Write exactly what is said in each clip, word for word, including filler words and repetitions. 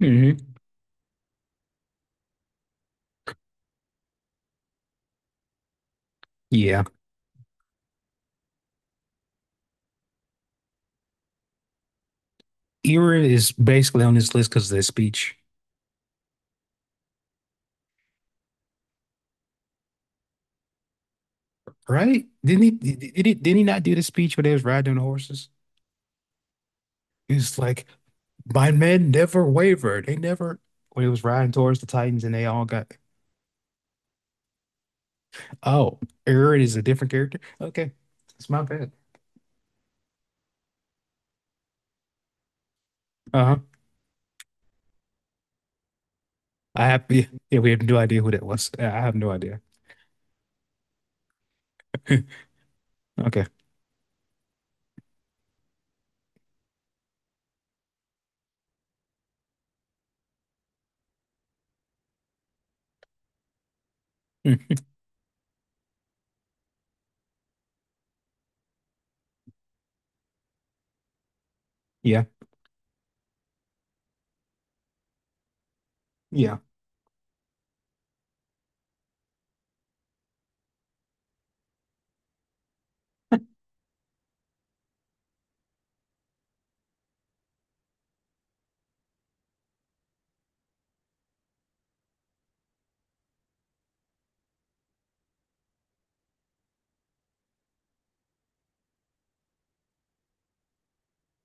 Hmm. Yeah. Era is basically on this list because of that speech, right? Didn't he did, did he did he not do the speech when they was riding on the horses? He's like, my men never wavered. They never when he was riding towards the Titans and they all got oh, Era is a different character? Okay. It's my bad. Uh-huh. I have yeah, yeah, we have no idea who that was. I I have no idea. Okay. Hmm. Yeah. Yeah.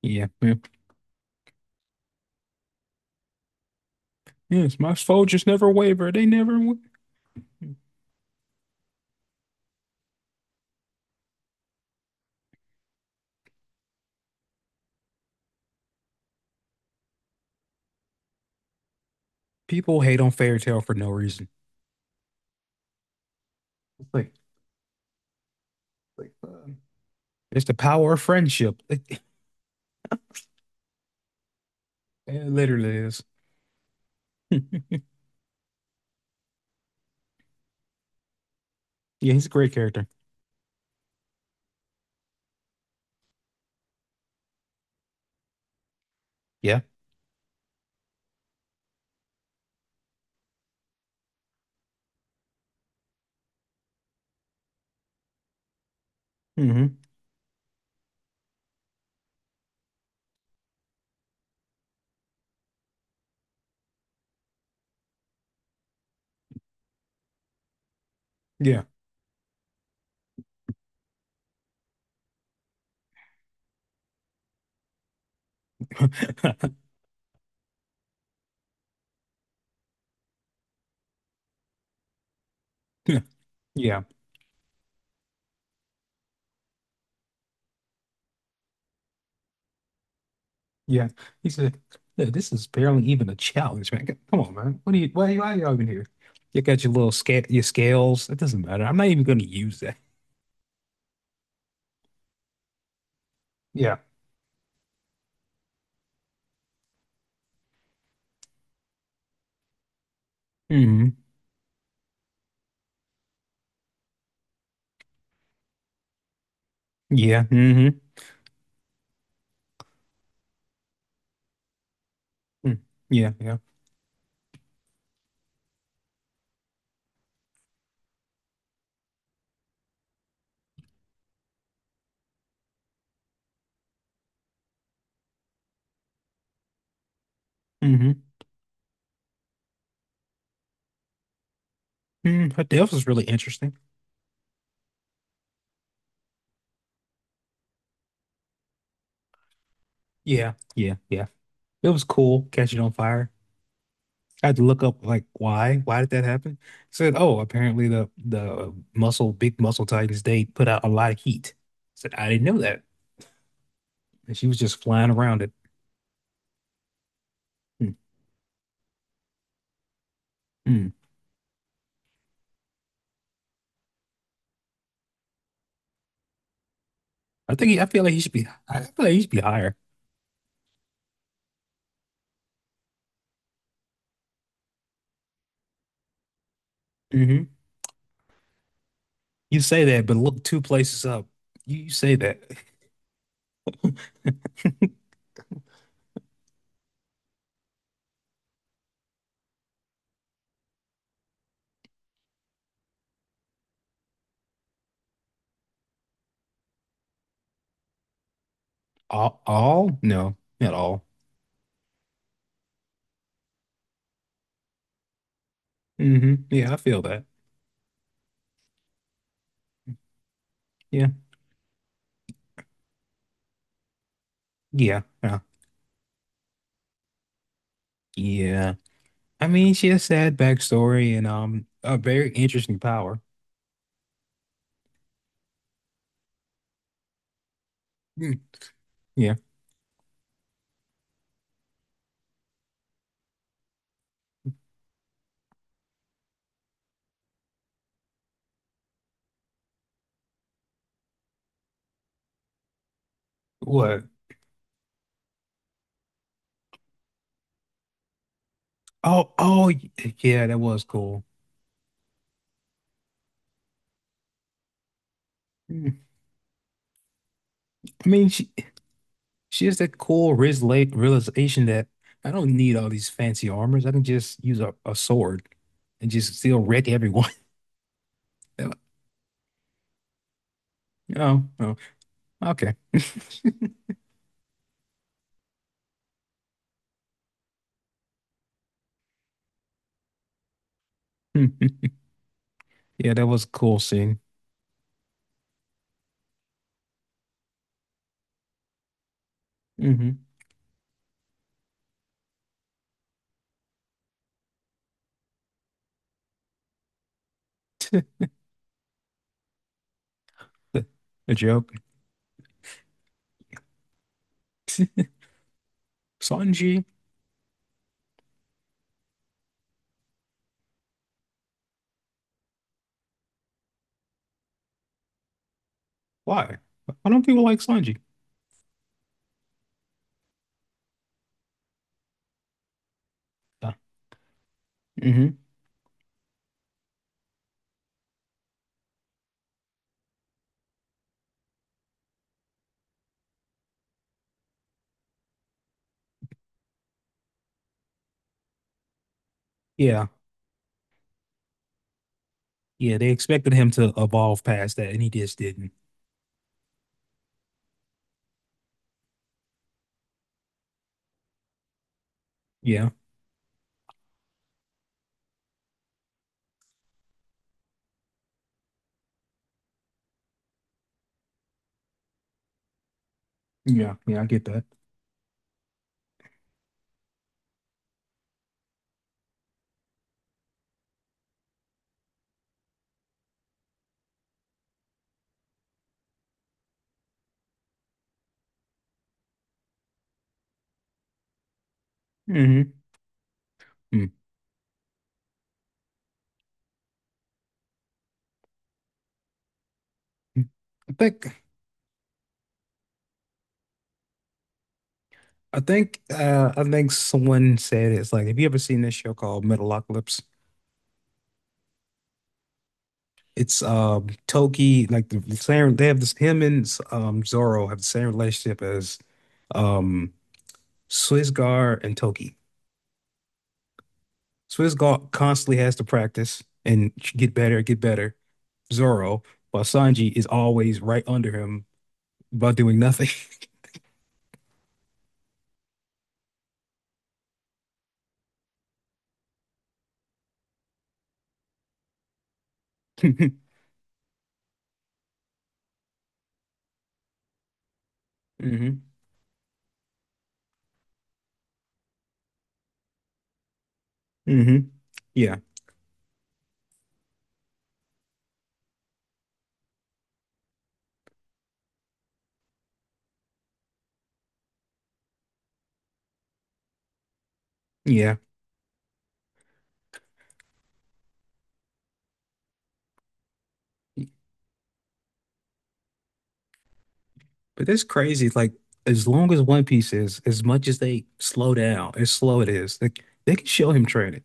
Yeah. Yeah. Yes, my soldiers never waver. They never wa- People hate on fairy tale for no reason. It's Like, Like, uh, it's the power of friendship. It, it literally is. Yeah, he's a great character. Yeah. Hmm. Yeah. Yeah. Yeah. He said, "Look, this is barely even a challenge, man. Come on, man. What are you, why, why are y'all even here? You got your little scale, your scales. It doesn't matter. I'm not even going to use that. Yeah. Hmm. Yeah. Hmm. Yeah. Yeah. Hmm. Mm, her death was really interesting. Yeah. Yeah. Yeah. It was cool. Catch it on fire. I had to look up like why why did that happen? Said, oh, apparently the the uh, muscle big muscle titans they put out a lot of heat. Said I didn't know that, and she was just flying around it. Hmm, hmm. I think he, I feel like he should be I feel like he should be higher. Hmm. You say that, but look two places up. You, you say that. All, all? No, not all. Hmm. Yeah, I feel that. Yeah, yeah, yeah, yeah. I mean, she has sad backstory and um a very interesting power. Hmm. Yeah. What? Oh, oh, y- yeah, that was cool. Mm. I mean, she she has that cool reala- realization that I don't need all these fancy armors. I can just use a, a sword and just still wreck everyone. That- Oh, oh, okay. Yeah, that was a cool scene. Hmm. The, the joke. Sanji, why? Why don't people like Sanji? Uh, hmm. Yeah, yeah, they expected him to evolve past that, and he just didn't. Yeah, yeah, yeah, I get that. Hmm. I think. I think uh, I think someone said it's like, have you ever seen this show called Metalocalypse? It's um Toki, like the the same they have this him and um Zoro have the same relationship as um Swiss Guard and Toki. Swiss Guard constantly has to practice and get better, get better. Zoro, while Sanji is always right under him about doing nothing. Hmm. Hmm. Yeah. Yeah. But that's crazy. Like as long as One Piece is, as much as they slow down, as slow it is, like they can show him training.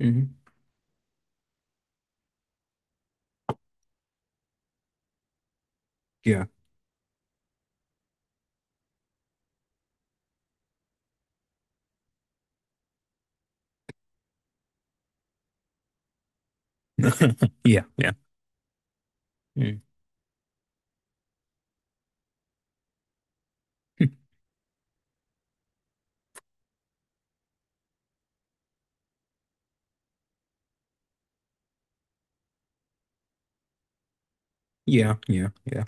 Hmm. Yeah. Yeah. Yeah. Mm. Yeah. Yeah. Yeah.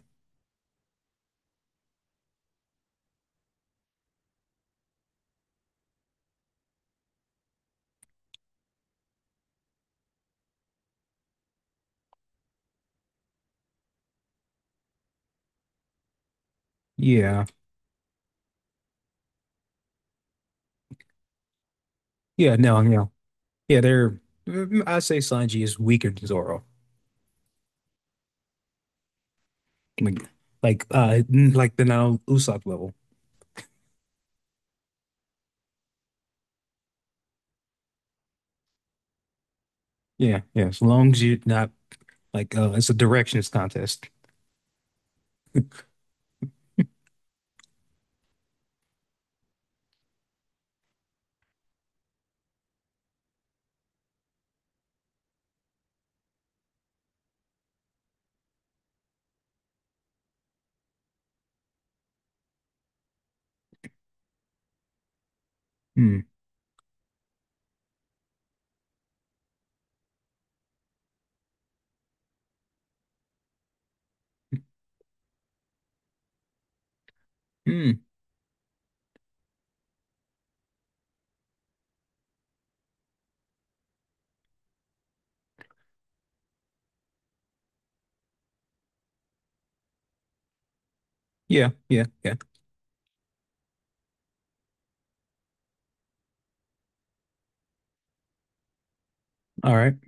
Yeah. Yeah. No. No. Yeah. They're. Mm, I say Sanji is weaker than Zoro. Like, like, uh, mm, like the now Usopp level. Yeah. Yeah. As long as you're not like, uh, it's a directions contest. Mm. Mm. Yeah. Yeah. Yeah. All right.